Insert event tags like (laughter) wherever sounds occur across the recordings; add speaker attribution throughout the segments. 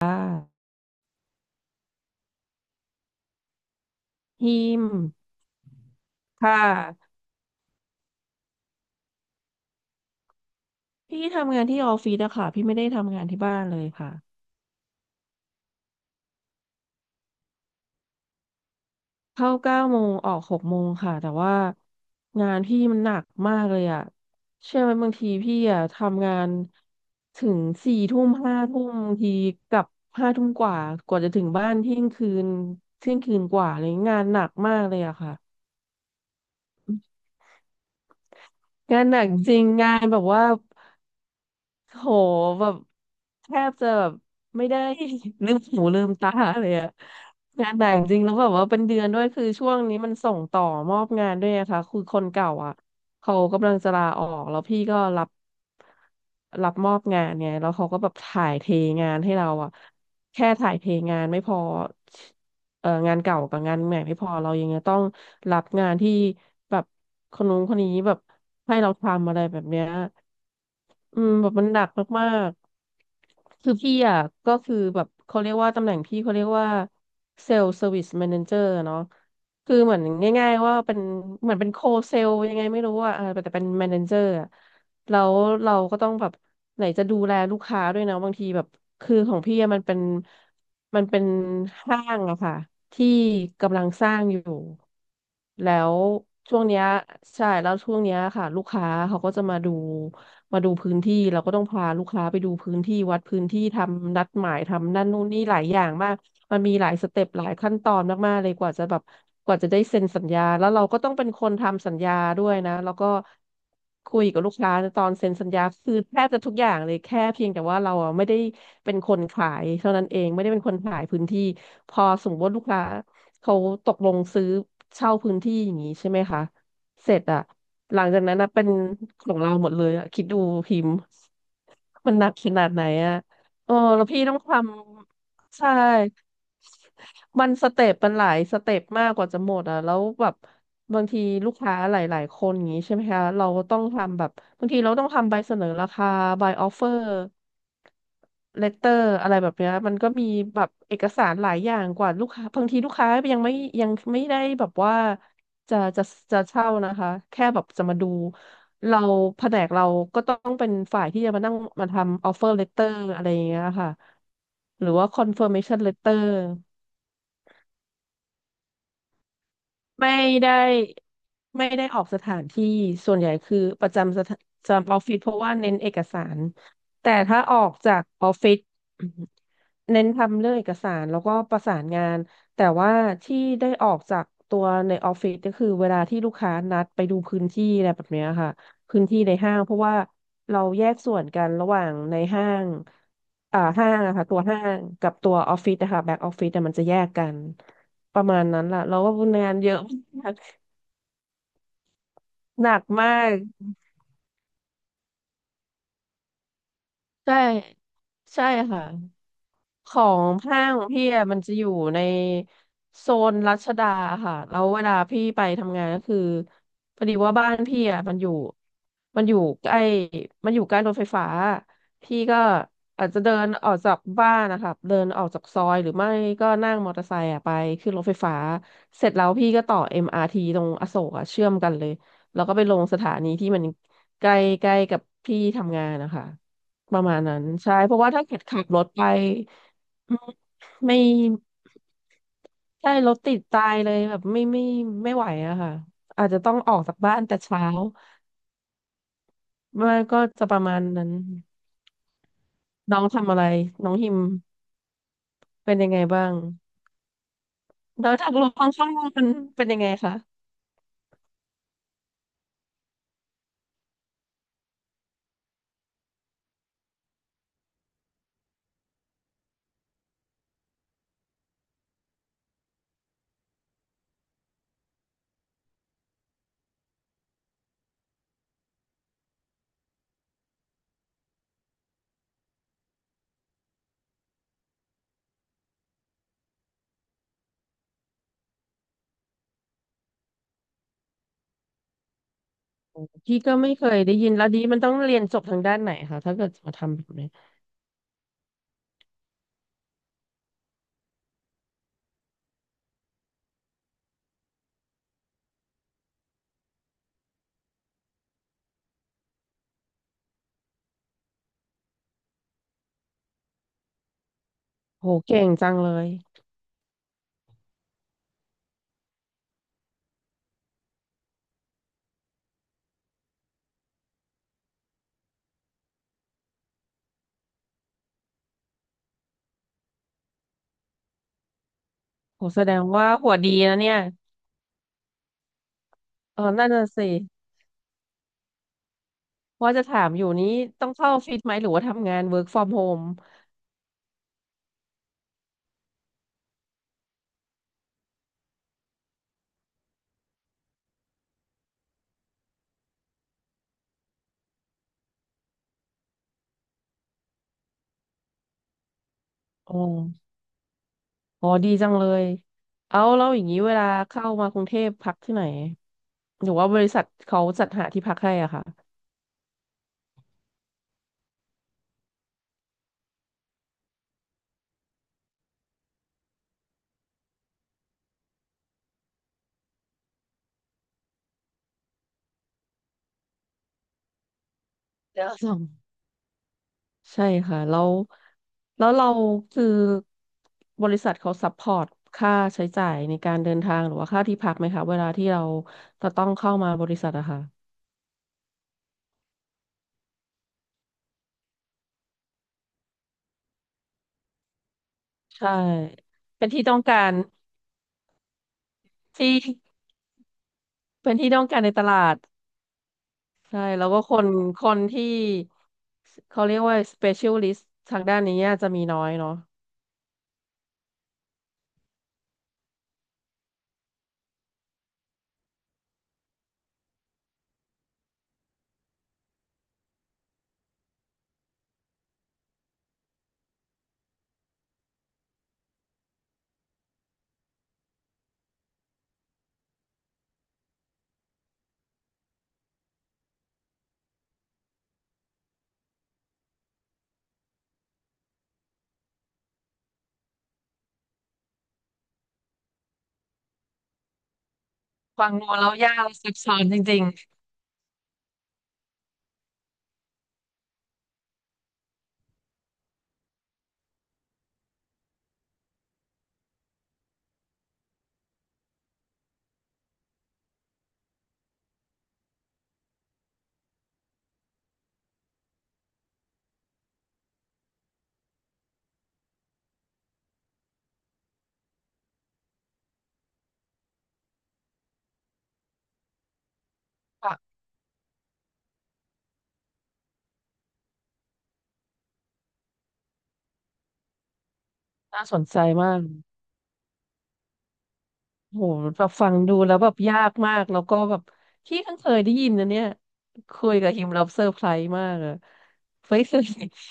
Speaker 1: ค่ะฮิมค่ะพี่ทำงานที่ออฟฟิศอะค่ะพี่ไม่ได้ทำงานที่บ้านเลยค่ะเข้าเก้าโมงออกหกโมงค่ะแต่ว่างานพี่มันหนักมากเลยอะเชื่อไหมบางทีพี่อะทำงานถึงสี่ทุ่มห้าทุ่มบางทีกลับห้าทุ่มกว่ากว่าจะถึงบ้านเที่ยงคืนเที่ยงคืนกว่าเลยงานหนักมากเลยอะค่ะงานหนักจริงงานแบบว่า โหแบบแทบจะแบบไม่ได้ (laughs) ลืมหูลืมตาเลยอะงานแต่งจริงแล้วแบบว่าเป็นเดือนด้วยคือช่วงนี้มันส่งต่อมอบงานด้วยอะค่ะคือคนเก่าอะเขากำลังจะลาออกแล้วพี่ก็รับมอบงานไงแล้วเขาก็แบบถ่ายเทงานให้เราอะแค่ถ่ายเทงานไม่พองานเก่ากับงานใหม่ไม่พอเรายังจะต้องรับงานที่แบบคนนู้นคนนี้แบบให้เราทำอะไรแบบเนี้ย อืมแบบมันหนักมากๆคือพี่อ่ะก็คือแบบเขาเรียกว่าตำแหน่งพี่เขาเรียกว่าเซล e ์เซอร์วิสแมเนเจอร์เนาะคือเหมือนง่ายๆว่าเป็นเหมือนเป็นโคเซลยังไงไม่รู้อ่ะเออแต่เป็นแมเนเจอร์อะแล้วเราก็ต้องแบบไหนจะดูแลลูกค้าด้วยนะบางทีแบบคือของพี่อะมันเป็นห้างอะค่ะที่กำลังสร้างอยู่แล้วช่วงเนี้ยใช่แล้วช่วงเนี้ยค่ะลูกค้าเขาก็จะมาดู มาดูพื้นที่เราก็ต้องพาลูกค้าไปดูพื้นที่วัดพื้นที่ทำนัดหมายทำนั่นนู่นนี่หลายอย่างมากมันมีหลายสเต็ปหลายขั้นตอนมากๆเลยกว่าจะแบบกว่าจะได้เซ็นสัญญาแล้วเราก็ต้องเป็นคนทำสัญญาด้วยนะแล้วก็คุยกับลูกค้าตอนเซ็นสัญญาคือแทบจะทุกอย่างเลยแค่เพียงแต่ว่าเราอะไม่ได้เป็นคนขายเท่านั้นเองไม่ได้เป็นคนขายพื้นที่พอสมมติว่าลูกค้าเขาตกลงซื้อเช่าพื้นที่อย่างนี้ใช่ไหมคะ เสร็จอะหลังจากนั้นนะเป็นของเราหมดเลยอะคิดดูพิมพ์มันหนักขนาดไหนอะโอ้แล้วพี่ต้องทำใช่มันสเต็ปมันหลายสเต็ปมากกว่าจะหมดอ่ะแล้วแบบบางทีลูกค้าหลายๆคนอย่างนี้ใช่ไหมคะเราก็ต้องทำแบบบางทีเราต้องทำใบเสนอราคาใบออฟเฟอร์ เลตเตอร์อะไรแบบเนี้ยมันก็มีแบบเอกสารหลายอย่างกว่าลูกค้าบางทีลูกค้ายังไม่ได้แบบว่าจะจะจะเช่านะคะแค่แบบจะมาดูเราแผนกเราก็ต้องเป็นฝ่ายที่จะมานั่งมาทำออฟเฟอร์เลตเตอร์อะไรอย่างเงี้ยค่ะหรือว่าคอนเฟิร์มเมชันเลตเตอร์ไม่ได้ไม่ได้ออกสถานที่ส่วนใหญ่คือประจำสถานประจำออฟฟิศเพราะว่าเน้นเอกสารแต่ถ้าออกจากออฟฟิศ เน้นทำเรื่องเอกสารแล้วก็ประสานงานแต่ว่าที่ได้ออกจากตัวในออฟฟิศก็คือเวลาที่ลูกค้านัดไปดูพื้นที่อะไรแบบเนี้ยค่ะพื้นที่ในห้างเพราะว่าเราแยกส่วนกันระหว่างในห้างอ่าห้างอะค่ะตัวห้างกับตัวออฟฟิศนะคะแบ็กออฟฟิศอะมันจะแยกกันประมาณนั้นล่ะเราก็งานเยอะมาก (laughs) หนักมากใช่ใช่ค่ะ ของห้างพี่อะมันจะอยู่ในโซนรัชดาค่ะแล้วเวลาพี่ไปทำงานก็คือพอดีว่าบ้านพี่อะมันอยู่มันอยู่ใกล้มันอยู่ใกล้รถไฟฟ้าพี่ก็อาจจะเดินออกจากบ้านนะคะเดินออกจากซอยหรือไม่ก็นั่งมอเตอร์ไซค์อะไปขึ้นรถไฟฟ้าเสร็จแล้วพี่ก็ต่อเอ็มอาร์ทีตรงอโศกอะเชื่อมกันเลยแล้วก็ไปลงสถานีที่มันใกล้ใกล้กับที่ทำงานนะคะประมาณนั้นใช่เพราะว่าถ้าเกิดขับรถไป อืมไม่ใช่รถติดตายเลยแบบไม่ไหวอะค่ะอาจจะต้องออกจากบ้านแต่เช้าม่นก็จะประมาณนั้นน้องทำอะไรน้องฮิมเป็นยังไงบ้างแล้วทางลงข้างๆมันเป็นยังไงคะพี่ก็ไม่เคยได้ยินแล้วดีมันต้องเรียนจบทางด้านไหนคะถ้าเกิดจะมาทำแบบนี้โหเก่งจังเลยโหแสดงว่าหัวดีนะเนี่ยเออนั่นน่ะสิว่าจะถามอยู่นี้ต้องเข้าออฟฟิศไหมหรือว่าทำงาน work from home อ๋อ อ๋อดีจังเลย เอาแล้วอย่างนี้เวลาเข้ามากรุงเทพพักที่ไหนหรือว่าบริษัทเขาจัดหาที่พักให้อ่ะค่ะเดีวสองใช่ค่ะแล้วแล้วเราคือบริษัทเขาซัพพอร์ตค่าใช้จ่ายในการเดินทางหรือว่าค่าที่พักไหมคะเวลาที่เราจะต้องเข้ามาบริษัทอะค่ะใช่เป็นที่ต้องการที่เป็นที่ต้องการในตลาดใช่แล้วก็คนคนที่เขาเรียกว่า specialist ทางด้านนี้จะมีน้อยเนาะ ฟังดูแล้วยากลซับซ้อนจริงๆค่ะน่าสนใจมากโหแบบฟังดูแล้วแบบยากมากแล้วก็แบบพี่เพิ่งเคยได้ยินนะเนี่ยคุยกับฮิมแล้วเซอร์ไพรส์มากอะไม่เคย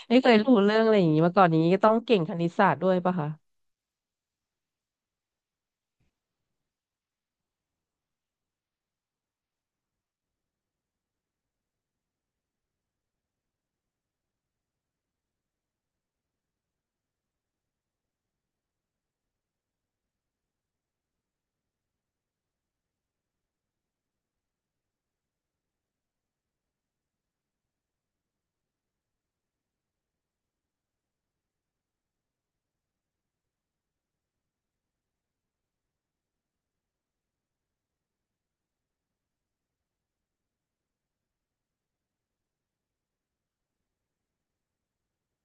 Speaker 1: (laughs) ไม่เคยรู้เรื่องอะไรอย่างนี้มาก่อนอย่างนี้ก็ต้องเก่งคณิตศาสตร์ด้วยปะคะ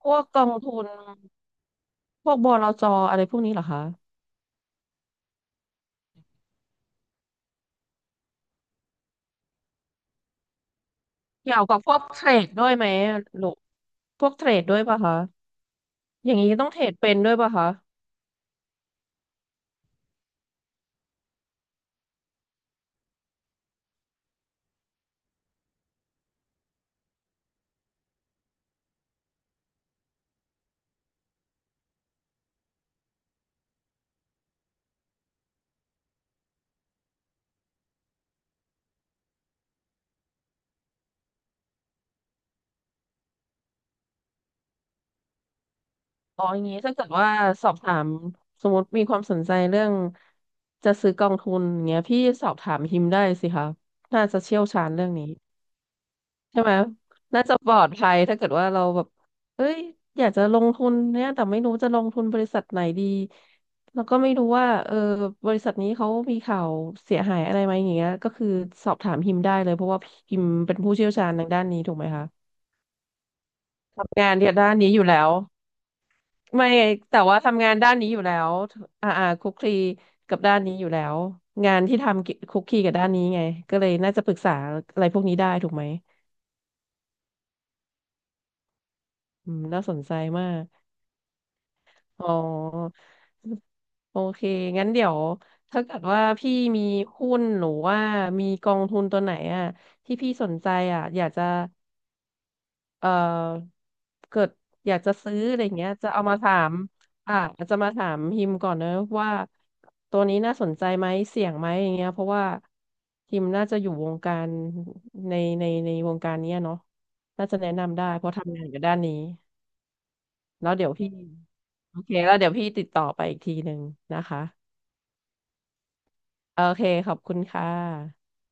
Speaker 1: พวกกองทุนพวกบลจอะไรพวกนี้เหรอคะเกี่ยวกับพวกเทรดด้วยไหมลูกพวกเทรดด้วยปะคะอย่างนี้ต้องเทรดเป็นด้วยปะคะ อ๋ออย่างนี้ถ้าเกิดว่าสอบถามสมมติมีความสนใจเรื่องจะซื้อกองทุนอย่างเงี้ยพี่สอบถามฮิมได้สิคะน่าจะเชี่ยวชาญเรื่องนี้ใช่ไหมน่าจะปลอดภัยถ้าเกิดว่าเราแบบเอ้ยอยากจะลงทุนเนี่ยแต่ไม่รู้จะลงทุนบริษัทไหนดีแล้วก็ไม่รู้ว่าเออบริษัทนี้เขามีข่าวเสียหายอะไรไหมอย่างเงี้ยก็คือสอบถามฮิมได้เลยเพราะว่าฮิมเป็นผู้เชี่ยวชาญทางด้านนี้ถูกไหมคะทำงานเนี่ยด้านนี้อยู่แล้ว ไม่แต่ว่าทำงานด้านนี้อยู่แล้วอ่าอ่าคลุกคลีกับด้านนี้อยู่แล้วงานที่ทำกิคลุกคลีกับด้านนี้ไงก็เลยน่าจะปรึกษาอะไรพวกนี้ได้ถูกไหมอืมน่าสนใจมากอ๋อโอเคงั้นเดี๋ยวถ้าเกิดว่าพี่มีหุ้นหรือว่ามีกองทุนตัวไหนอ่ะที่พี่สนใจอ่ะอยากจะ เอ่อเกิดอยากจะซื้ออะไรเงี้ยจะเอามาถามอ่าจะมาถามฮิมก่อนนะว่าตัวนี้น่าสนใจไหมเสี่ยงไหมอย่างเงี้ยเพราะว่าฮิมน่าจะอยู่วงการในในวงการเนี้ยเนาะน่าจะแนะนำได้เพราะทำงานอยู่ด้านนี้แล้วเดี๋ยวพี่โอเคแล้วเดี๋ยวพี่ติดต่อไปอีกทีหนึ่งนะคะโอเคขอบคุณค่ะ